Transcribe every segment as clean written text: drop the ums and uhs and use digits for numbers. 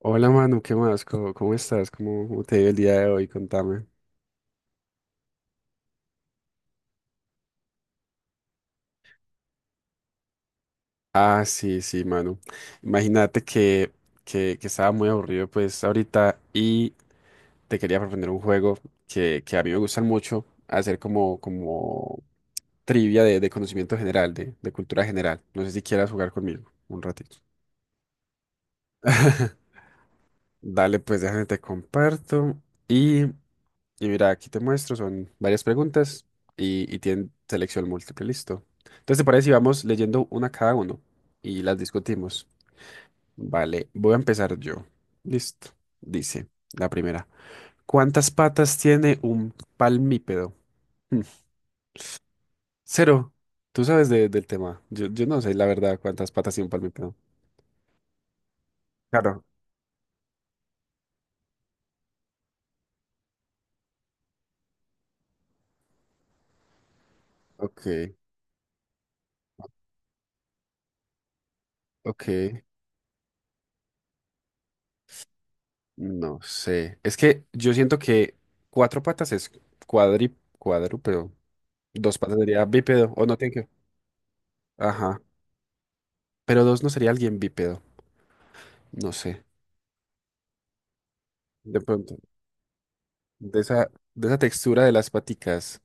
Hola Manu, ¿qué más? ¿Cómo estás? ¿Cómo te ha ido el día de hoy? Contame. Ah, sí, sí, Manu. Imagínate que, que estaba muy aburrido pues ahorita y te quería proponer un juego que a mí me gustan mucho, hacer como trivia de conocimiento general, de cultura general. No sé si quieras jugar conmigo un ratito. Dale, pues déjame te comparto. Y mira, aquí te muestro, son varias preguntas y tienen selección múltiple, listo. Entonces, ¿te parece si vamos leyendo una cada uno y las discutimos? Vale, voy a empezar yo. Listo. Dice la primera. ¿Cuántas patas tiene un palmípedo? Hmm. Cero. Tú sabes del tema. Yo no sé, la verdad, cuántas patas tiene un palmípedo. Claro. Ok, ok. No sé. Es que yo siento que cuatro patas es cuadrúpedo. Dos patas sería bípedo, o no tiene que. Ajá. Pero dos no sería alguien bípedo. No sé. De pronto. De esa textura de las paticas.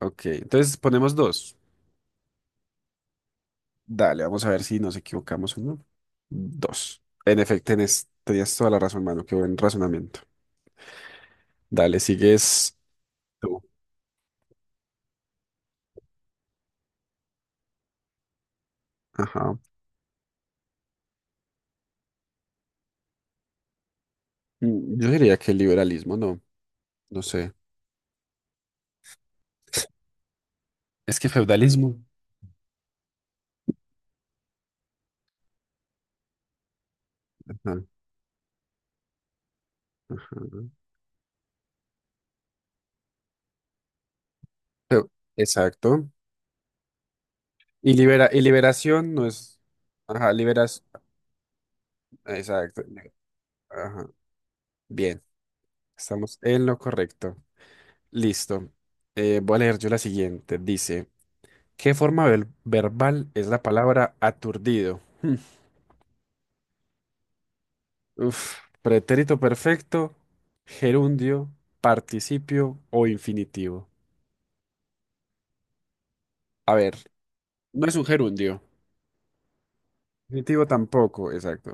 Ok. Entonces ponemos dos. Dale, vamos a ver si nos equivocamos o no. Dos. En efecto, tenías toda la razón, mano. Qué buen razonamiento. Dale, sigues tú. Ajá. Yo diría que el liberalismo, no. No sé. Es que feudalismo. Ajá, ajá. Feu- Exacto. Y libera, y liberación no es. Ajá, liberas. Exacto. Ajá. Bien, estamos en lo correcto. Listo. Voy a leer yo la siguiente. Dice, ¿qué forma verbal es la palabra aturdido? Hmm. Uf, pretérito perfecto, gerundio, participio o infinitivo. A ver, no es un gerundio. Infinitivo tampoco, exacto.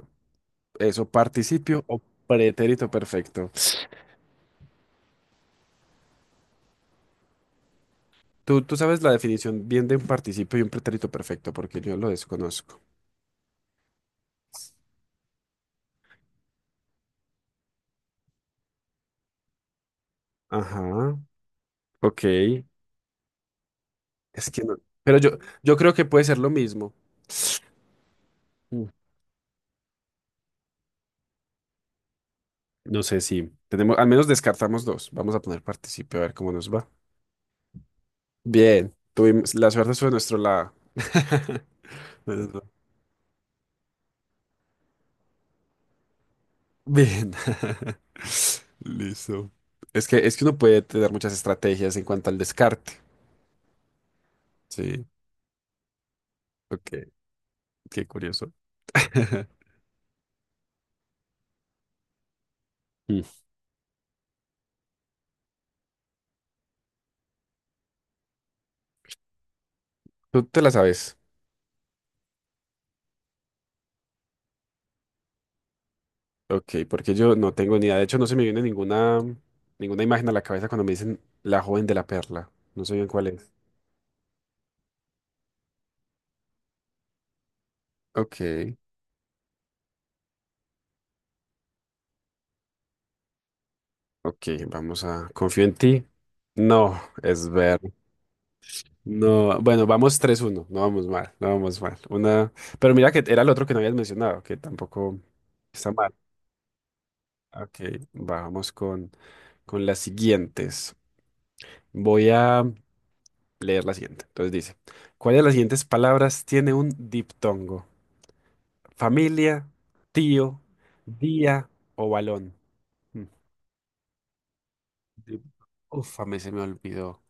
Eso, participio o pretérito perfecto. Tú sabes la definición bien de un participio y un pretérito perfecto, porque yo lo desconozco. Ajá. Ok. Es que no. Pero yo creo que puede ser lo mismo. Mm. No sé si tenemos, al menos descartamos dos. Vamos a poner partícipe a ver cómo nos va. Bien, tuvimos, la suerte fue de nuestro lado. Menos mal. Bien. Listo. Es que uno puede tener muchas estrategias en cuanto al descarte. Sí. Ok, qué curioso. Mm. Tú te la sabes. Ok, porque yo no tengo ni idea. De hecho, no se me viene ninguna imagen a la cabeza cuando me dicen la joven de la perla. No sé bien cuál es. Ok, ok, vamos a... Confío en ti. No, es ver. No, bueno, vamos 3-1. No vamos mal, no vamos mal. Una... Pero mira que era el otro que no habías mencionado, que tampoco está mal. Ok, vamos con las siguientes. Voy a leer la siguiente. Entonces dice, ¿cuál de las siguientes palabras tiene un diptongo? Familia, tío, día o balón. Mm, di- Uf, a mí se me olvidó.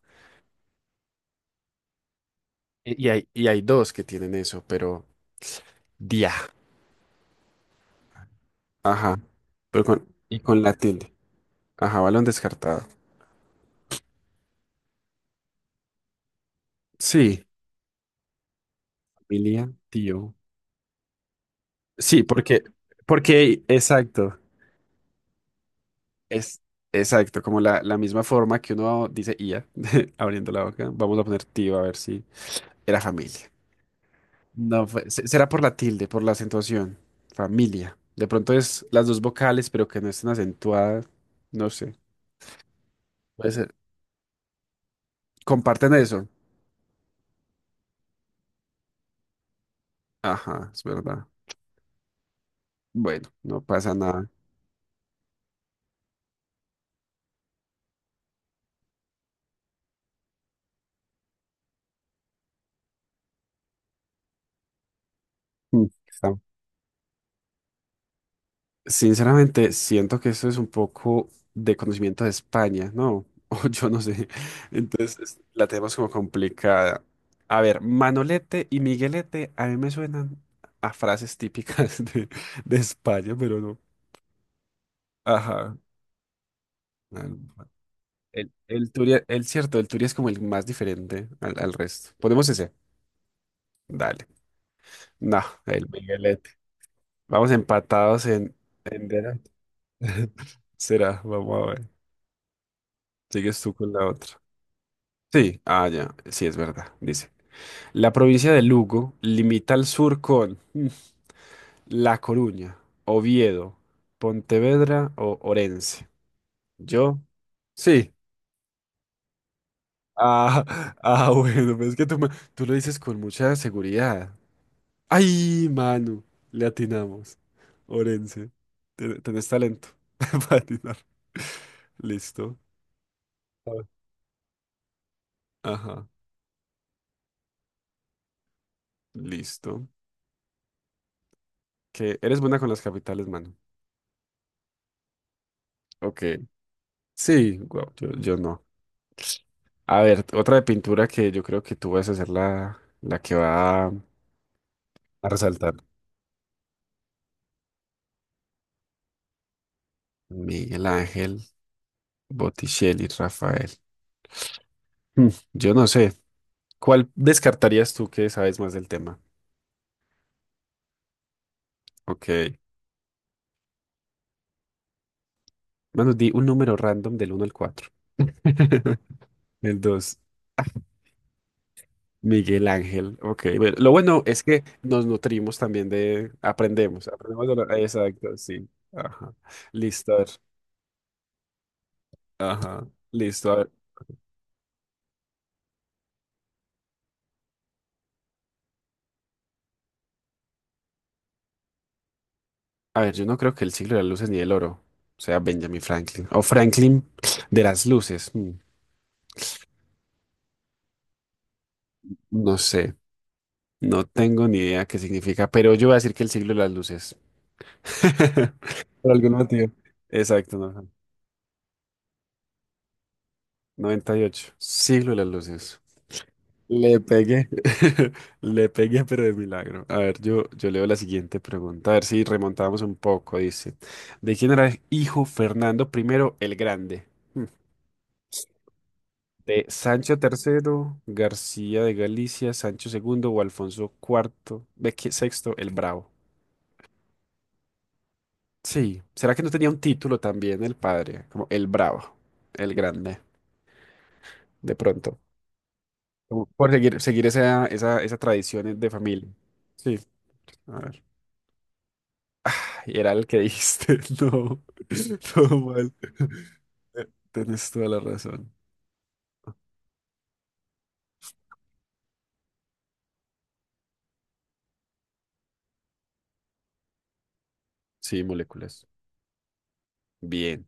Y hay dos que tienen eso, pero día. Ajá. Pero con, y con la tilde. Ajá, balón descartado. Sí. Familia, tío. Sí, porque, exacto. Es exacto, como la misma forma que uno dice IA, abriendo la boca. Vamos a poner tío a ver si era familia. No, será por la tilde, por la acentuación. Familia. De pronto es las dos vocales, pero que no estén acentuadas. No sé. Puede ser. Comparten eso. Ajá, es verdad. Bueno, no pasa nada. Mm, está- Sinceramente, siento que esto es un poco de conocimiento de España, ¿no? O yo no sé. Entonces, la tenemos como complicada. A ver, Manolete y Miguelete a mí me suenan a frases típicas de España, pero no. Ajá. El Turia, el cierto, el Turia es como el más diferente al resto. Ponemos ese. Dale. No, el Miguelete. Vamos empatados en delante. Será, vamos a ver. Sigues tú con la otra. Sí, ah, ya, sí es verdad, dice. La provincia de Lugo limita al sur con mm, La Coruña, Oviedo, Pontevedra o Orense. Yo, sí. Ah, ah, bueno, pero es que tú, tú lo dices con mucha seguridad. ¡Ay, mano! Le atinamos. Orense. Tenés talento para atinar. Listo. A ver. Ajá. Listo. Que eres buena con las capitales, mano. Ok. Sí, guau, yo no. A ver, otra de pintura que yo creo que tú vas a ser la que va a resaltar. Miguel Ángel, Botticelli, Rafael. Mm, Yo no sé. ¿Cuál descartarías tú que sabes más del tema? Ok. Bueno, di un número random del uno al 4. El 2. Miguel Ángel. Ok, bueno, lo bueno es que nos nutrimos también de, aprendemos, aprendemos exacto, sí. Ajá. Listo, a ver. Ajá. Listo, a ver. A ver, yo no creo que el siglo de las luces ni el oro sea Benjamin Franklin. O Franklin de las luces. No sé, no tengo ni idea qué significa, pero yo voy a decir que el siglo de las luces. Por algún motivo. Exacto, no. 98. Siglo de las luces. Le pegué, le pegué, pero de milagro. A ver, yo leo la siguiente pregunta, a ver si remontamos un poco. Dice, ¿de quién era hijo Fernando I el Grande? Hmm. ¿De Sancho III García de Galicia, Sancho II o Alfonso IV, VI, el Bravo? Sí, ¿será que no tenía un título también el padre? Como el Bravo, el Grande, de pronto. Como por seguir, seguir esa tradición de familia. Sí, a ver. Ay, era el que dijiste, no, todo mal. Tienes toda la razón. Sí, moléculas. Bien.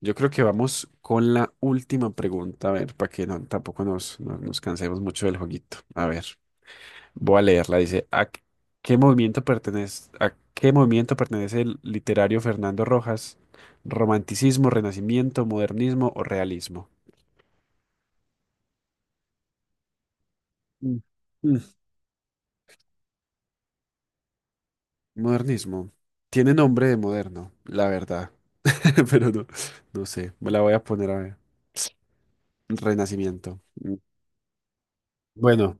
Yo creo que vamos con la última pregunta, a ver, para que no, tampoco nos, no- nos cansemos mucho del jueguito. A ver, voy a leerla. Dice, ¿a qué movimiento pertenece el literario Fernando Rojas? ¿Romanticismo, renacimiento, modernismo o realismo? Mm. Mm, Modernismo. Tiene nombre de moderno, la verdad. Pero no, no sé, me la voy a poner a ver. Renacimiento. Bueno,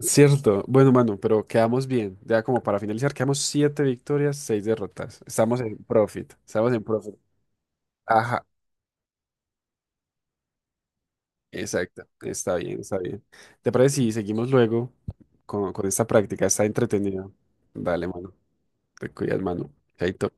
cierto. Bueno, mano, pero quedamos bien. Ya como para finalizar, quedamos siete victorias, seis derrotas. Estamos en profit, estamos en profit. Ajá, exacto. Está bien, está bien. ¿Te parece si seguimos luego con esta práctica? Está entretenido. Dale, mano. Te cuidas, mano. Chaito.